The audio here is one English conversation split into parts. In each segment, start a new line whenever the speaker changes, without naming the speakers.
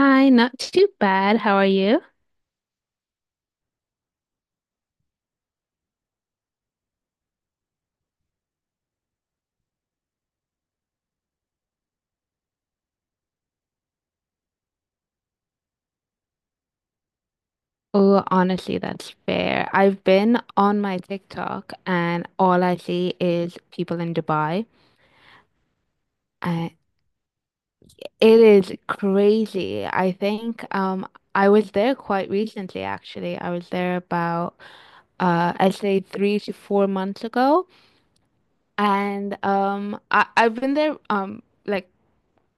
Hi, not too bad. How are you? Oh, honestly, that's fair. I've been on my TikTok and all I see is people in Dubai. Uh, it is crazy. I think I was there quite recently actually. I was there about I'd say 3 to 4 months ago. And I've been there like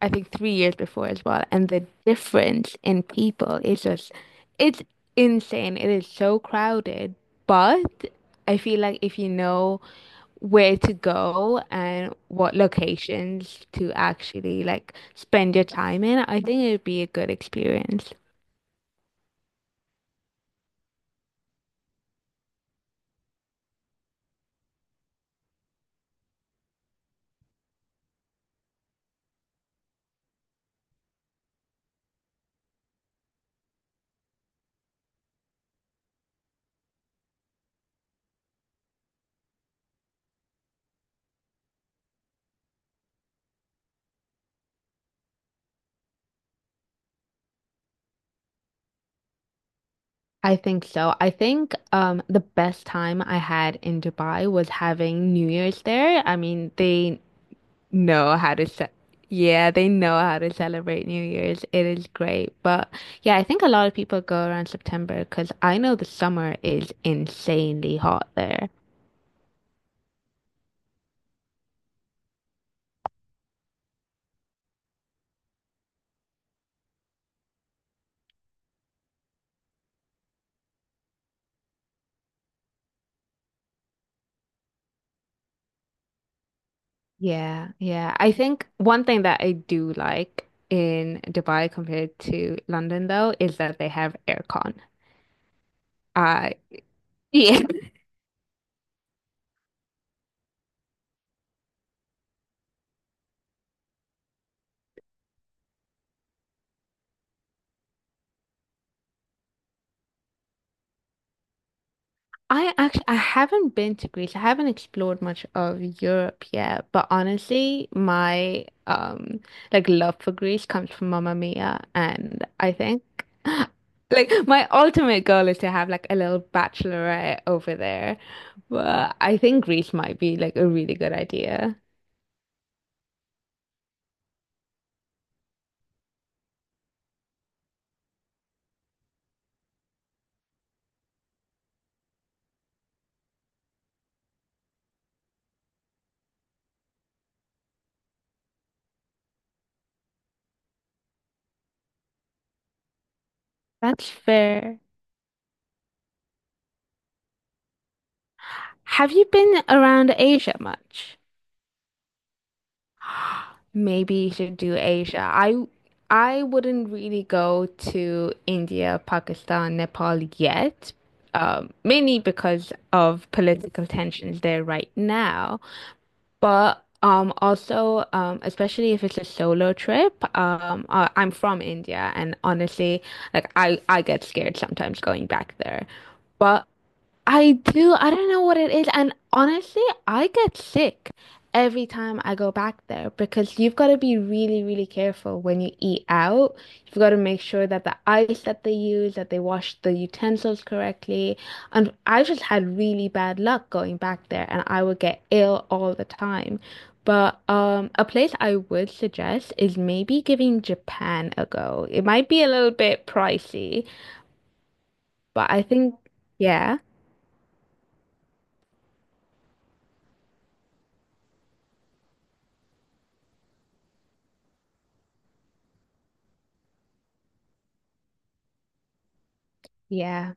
I think 3 years before as well. And the difference in people is just, it's insane. It is so crowded, but I feel like if you know where to go and what locations to actually like spend your time in, I think it would be a good experience. I think so. I think the best time I had in Dubai was having New Year's there. I mean, they know how to ce- yeah, they know how to celebrate New Year's. It is great. But yeah, I think a lot of people go around September because I know the summer is insanely hot there. Yeah, yeah. I think one thing that I do like in Dubai compared to London though is that they have aircon. I yeah. I actually I haven't been to Greece. I haven't explored much of Europe yet, but honestly, my like love for Greece comes from Mamma Mia, and I think like my ultimate goal is to have like a little bachelorette over there. But I think Greece might be like a really good idea. That's fair. Have you been around Asia much? Maybe you should do Asia. I wouldn't really go to India, Pakistan, Nepal yet, mainly because of political tensions there right now. But also, especially if it's a solo trip, I'm from India, and honestly, like I get scared sometimes going back there. But I do. I don't know what it is. And honestly, I get sick every time I go back there because you've got to be really, really careful when you eat out. You've got to make sure that the ice that they use, that they wash the utensils correctly. And I just had really bad luck going back there and I would get ill all the time. But a place I would suggest is maybe giving Japan a go. It might be a little bit pricey, but I think, yeah, yeah.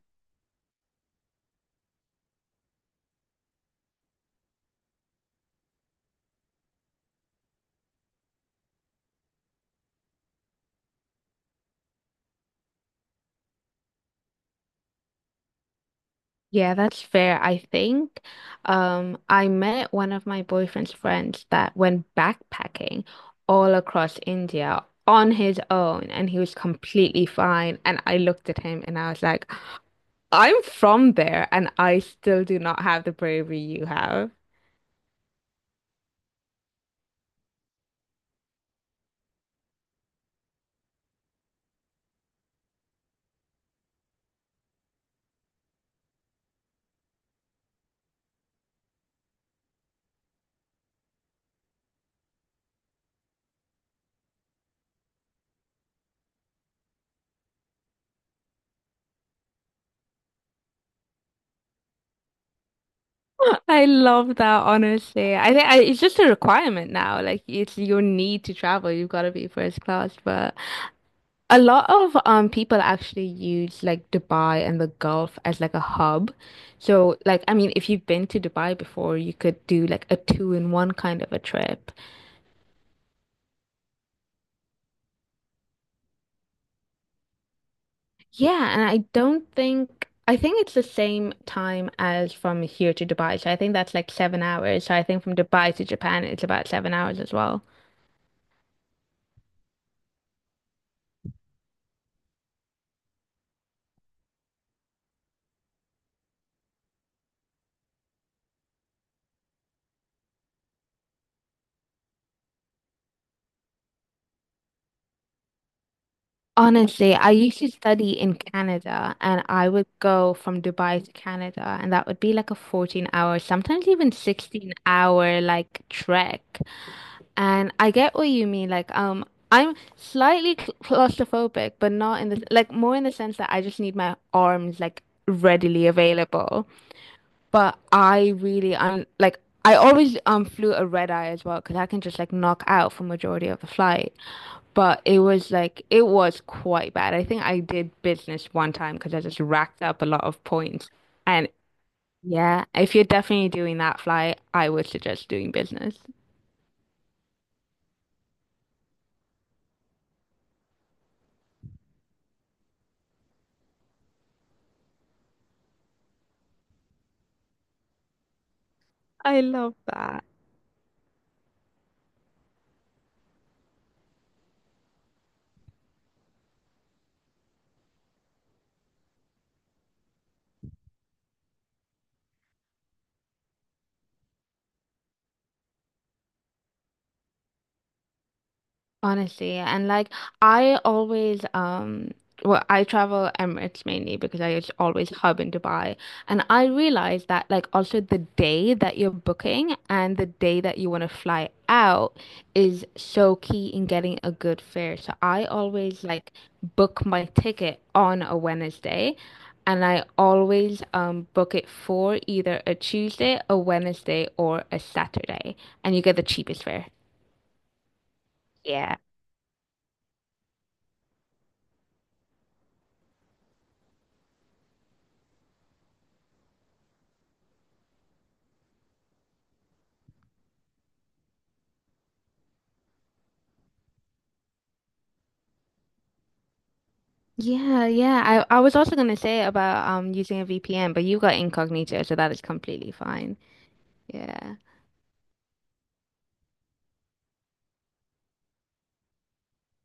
Yeah, that's fair, I think. I met one of my boyfriend's friends that went backpacking all across India on his own, and he was completely fine. And I looked at him and I was like, I'm from there, and I still do not have the bravery you have. I love that, honestly. It's just a requirement now. Like, it's your need to travel. You've got to be first class, but. A lot of people actually use like Dubai and the Gulf as like a hub. So like I mean if you've been to Dubai before, you could do like a two in one kind of a trip. Yeah, and I don't think I think it's the same time as from here to Dubai. So I think that's like 7 hours. So I think from Dubai to Japan it's about 7 hours as well. Honestly, I used to study in Canada and I would go from Dubai to Canada and that would be like a 14-hour, sometimes even 16-hour like trek. And I get what you mean. Like, I'm slightly claustrophobic, but not in the like more in the sense that I just need my arms like readily available. But I really, I'm like, I always flew a red eye as well because I can just like knock out for majority of the flight. But it was like it was quite bad. I think I did business one time because I just racked up a lot of points. And yeah, if you're definitely doing that flight, I would suggest doing business. I love that. Honestly, and like I always well I travel Emirates mainly because I just always hub in Dubai and I realized that like also the day that you're booking and the day that you want to fly out is so key in getting a good fare. So I always like book my ticket on a Wednesday and I always book it for either a Tuesday, a Wednesday or a Saturday and you get the cheapest fare. Yeah. Yeah, yeah. I was also gonna say about using a VPN, but you got incognito, so that is completely fine. Yeah.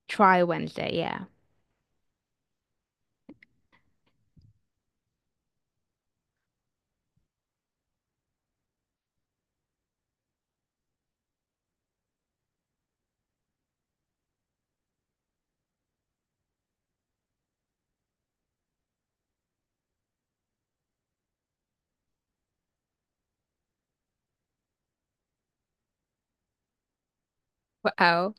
Try Wednesday, yeah. Wow.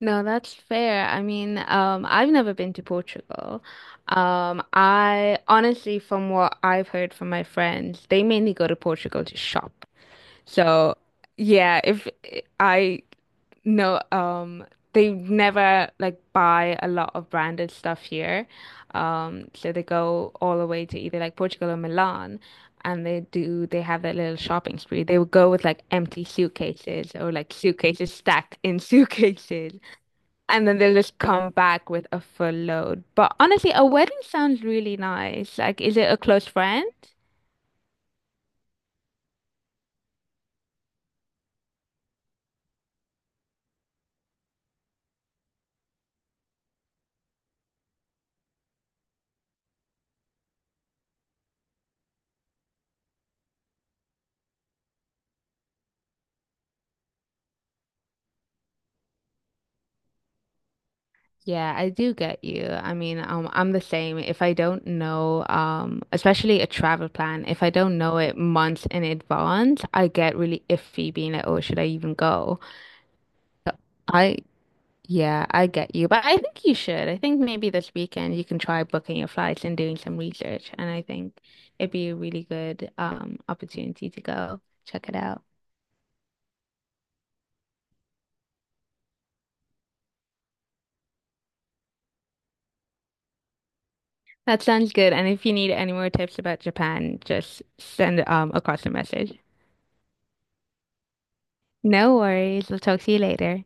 No, that's fair. I mean, I've never been to Portugal. I honestly, from what I've heard from my friends, they mainly go to Portugal to shop. So, yeah, if I no, they never like buy a lot of branded stuff here. So they go all the way to either like Portugal or Milan and they have that little shopping spree. They would go with like empty suitcases or like suitcases stacked in suitcases and then they'll just come back with a full load. But honestly, a wedding sounds really nice. Like, is it a close friend? Yeah, I do get you. I mean, I'm the same. If I don't know, especially a travel plan, if I don't know it months in advance, I get really iffy being like, oh, should I even go? So I, yeah, I get you. But I think you should. I think maybe this weekend you can try booking your flights and doing some research. And I think it'd be a really good, opportunity to go check it out. That sounds good. And if you need any more tips about Japan, just send across a message. No worries. We'll talk to you later.